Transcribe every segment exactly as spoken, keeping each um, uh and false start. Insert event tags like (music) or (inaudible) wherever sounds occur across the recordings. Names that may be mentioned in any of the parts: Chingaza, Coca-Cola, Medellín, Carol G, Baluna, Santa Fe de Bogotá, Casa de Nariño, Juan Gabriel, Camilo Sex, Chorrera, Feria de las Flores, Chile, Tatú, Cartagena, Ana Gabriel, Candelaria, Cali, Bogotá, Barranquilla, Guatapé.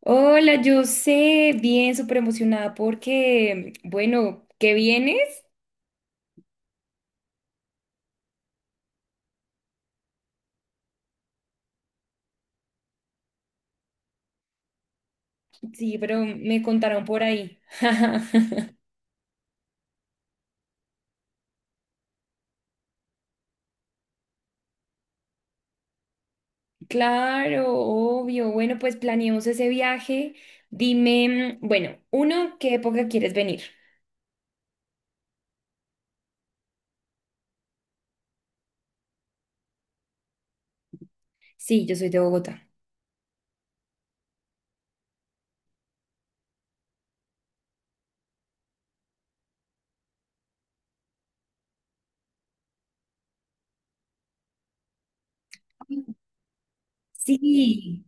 Hola, yo sé, bien, súper emocionada porque, bueno, ¿qué vienes? Sí, pero me contaron por ahí. (laughs) Claro, obvio. Bueno, pues planeemos ese viaje. Dime, mm, bueno, uno, ¿qué época quieres venir? Sí, yo soy de Bogotá. Sí.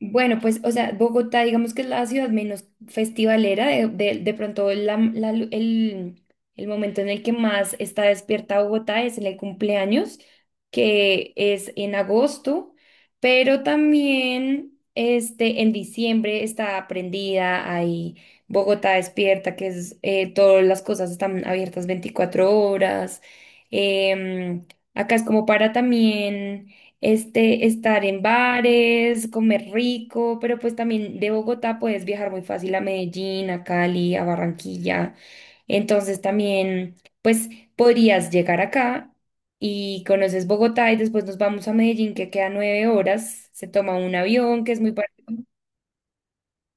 Bueno, pues, o sea, Bogotá, digamos que es la ciudad menos festivalera, de, de- de pronto la- la lu- el, el momento en el que más está despierta Bogotá es en el cumpleaños, que es en agosto, pero también este, en diciembre está prendida, hay Bogotá despierta, que es eh, todas las cosas están abiertas veinticuatro horas. em, Acá es como para también este, estar en bares, comer rico, pero pues también de Bogotá puedes viajar muy fácil a Medellín, a Cali, a Barranquilla. Entonces también, pues podrías llegar acá y conoces Bogotá y después nos vamos a Medellín, que queda nueve horas, se toma un avión, que es muy... bar-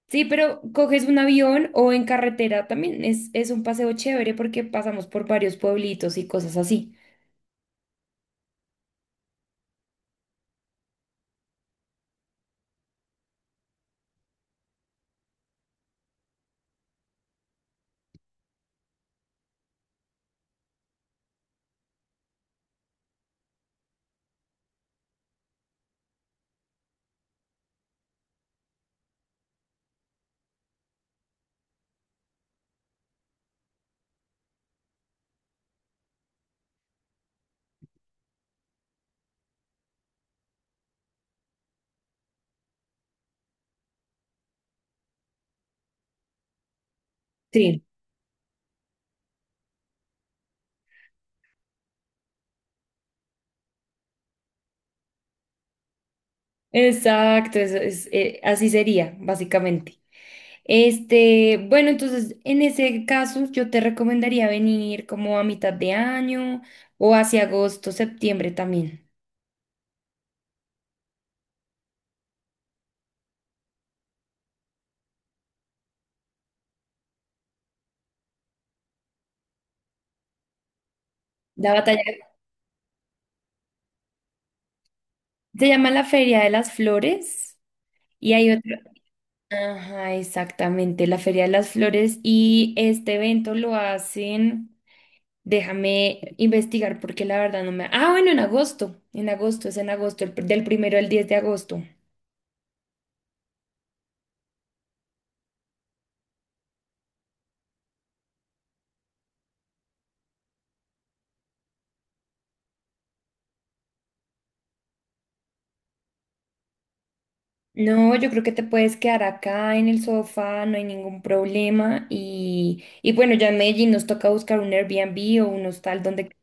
Sí, pero coges un avión o en carretera también es, es un paseo chévere porque pasamos por varios pueblitos y cosas así. Sí, exacto, eso es, eh, así sería, básicamente. Este, bueno, entonces en ese caso yo te recomendaría venir como a mitad de año o hacia agosto, septiembre también. La batalla se llama la Feria de las Flores y hay otra. Ajá, exactamente, la Feria de las Flores y este evento lo hacen, déjame investigar porque la verdad no me... Ah, bueno, en agosto, en agosto, es en agosto, el pr- del primero al diez de agosto. No, yo creo que te puedes quedar acá en el sofá, no hay ningún problema. Y, y bueno, ya en Medellín nos toca buscar un Airbnb o un hostal donde...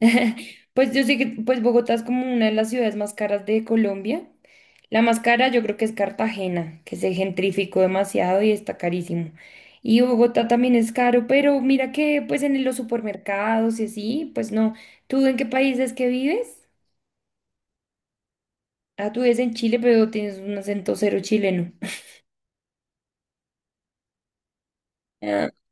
(laughs) Pues yo sé que pues Bogotá es como una de las ciudades más caras de Colombia. La más cara yo creo que es Cartagena, que se gentrificó demasiado y está carísimo. Y Bogotá también es caro, pero mira que pues en los supermercados y así, pues no. ¿Tú en qué país es que vives? Ah, tú vives en Chile, pero tienes un acento cero chileno. (laughs)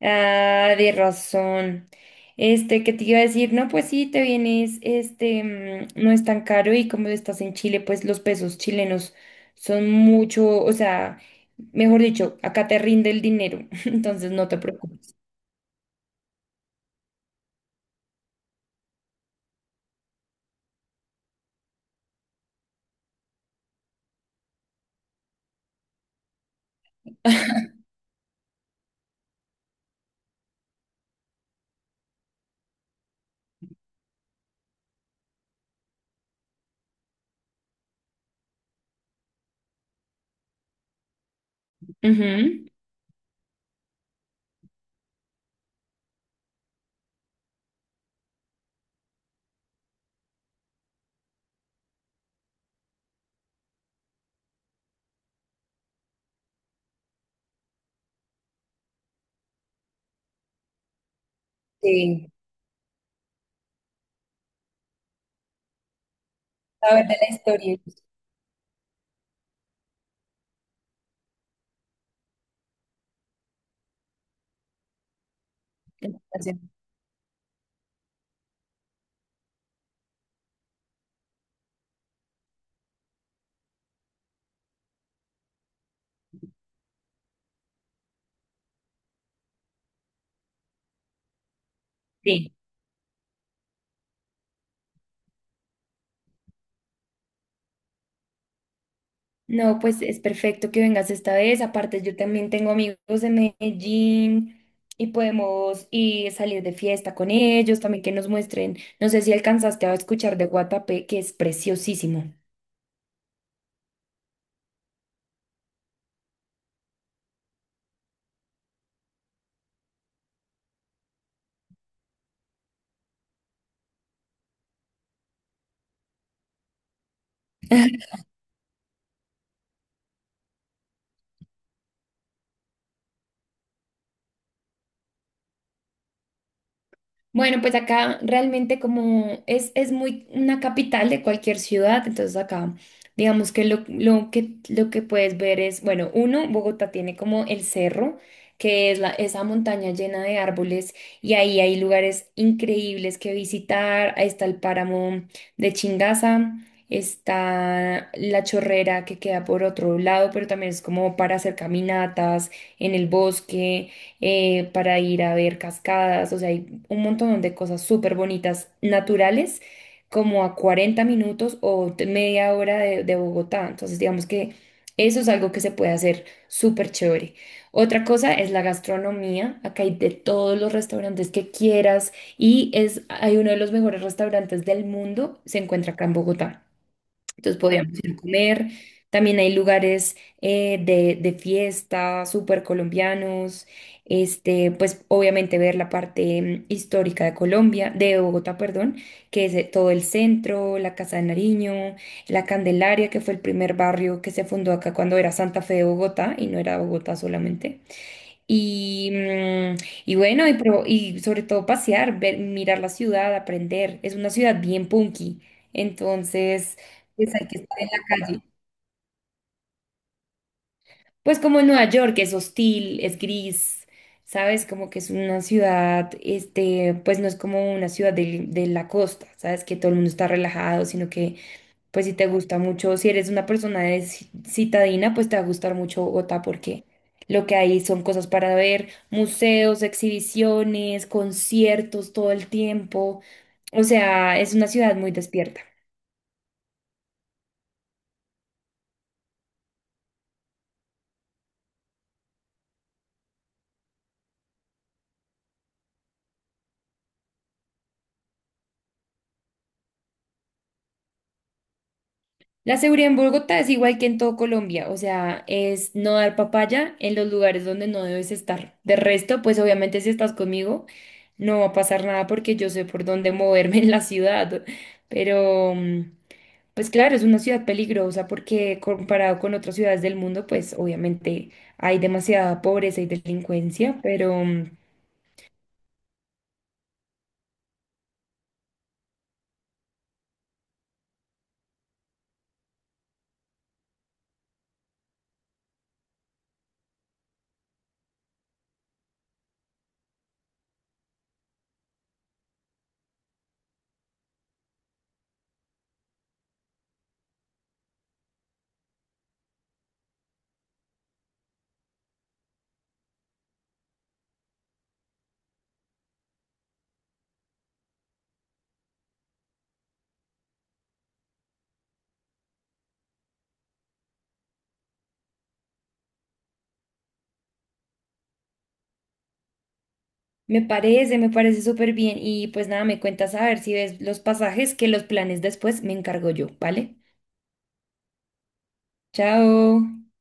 Ah, de razón. Este, ¿qué te iba a decir? No, pues sí, te vienes, este, mm, no es tan caro y como estás en Chile, pues los pesos chilenos son mucho, o sea, mejor dicho, acá te rinde el dinero, (laughs) entonces no te preocupes. Ujú. Sí, saber de la historia. Sí, no, pues es perfecto que vengas esta vez. Aparte, yo también tengo amigos de Medellín y podemos ir salir de fiesta con ellos, también que nos muestren. No sé si alcanzaste a escuchar de Guatapé, que es preciosísimo. Bueno, pues acá realmente como es, es muy una capital de cualquier ciudad, entonces acá digamos que lo, lo que lo que puedes ver es, bueno, uno, Bogotá tiene como el cerro, que es la, esa montaña llena de árboles y ahí hay lugares increíbles que visitar, ahí está el páramo de Chingaza, está la Chorrera que queda por otro lado, pero también es como para hacer caminatas en el bosque eh, para ir a ver cascadas, o sea, hay un montón de cosas súper bonitas, naturales, como a cuarenta minutos o te- media hora de, de Bogotá. Entonces, digamos que eso es algo que se puede hacer súper chévere. Otra cosa es la gastronomía. Acá hay de todos los restaurantes que quieras y es, hay uno de los mejores restaurantes del mundo, se encuentra acá en Bogotá. Entonces podíamos ir a comer. También hay lugares eh, de, de fiesta, súper colombianos. Este, pues obviamente ver la parte mm, histórica de Colombia, de Bogotá, perdón, que es eh, todo el centro, la Casa de Nariño, la Candelaria, que fue el primer barrio que se fundó acá cuando era Santa Fe de Bogotá y no era Bogotá solamente. Y, mm, y bueno, y, pro- y sobre todo pasear, ver, mirar la ciudad, aprender. Es una ciudad bien punky, entonces pues hay que estar en la calle. Pues como en Nueva York, es hostil, es gris, ¿sabes? Como que es una ciudad, este, pues no es como una ciudad de de, la costa, ¿sabes? Que todo el mundo está relajado, sino que pues si te gusta mucho, si eres una persona de ci- citadina, pues te va a gustar mucho Bogotá porque lo que hay son cosas para ver, museos, exhibiciones, conciertos todo el tiempo. O sea, es una ciudad muy despierta. La seguridad en Bogotá es igual que en todo Colombia, o sea, es no dar papaya en los lugares donde no debes estar. De resto, pues obviamente si estás conmigo, no va a pasar nada porque yo sé por dónde moverme en la ciudad, pero... mm, pues claro, es una ciudad peligrosa porque comparado con otras ciudades del mundo, pues obviamente hay demasiada pobreza y delincuencia, pero mm, me parece, me parece súper bien y pues nada, me cuentas a ver si ves los pasajes que los planes después me encargo yo, ¿vale? Chao.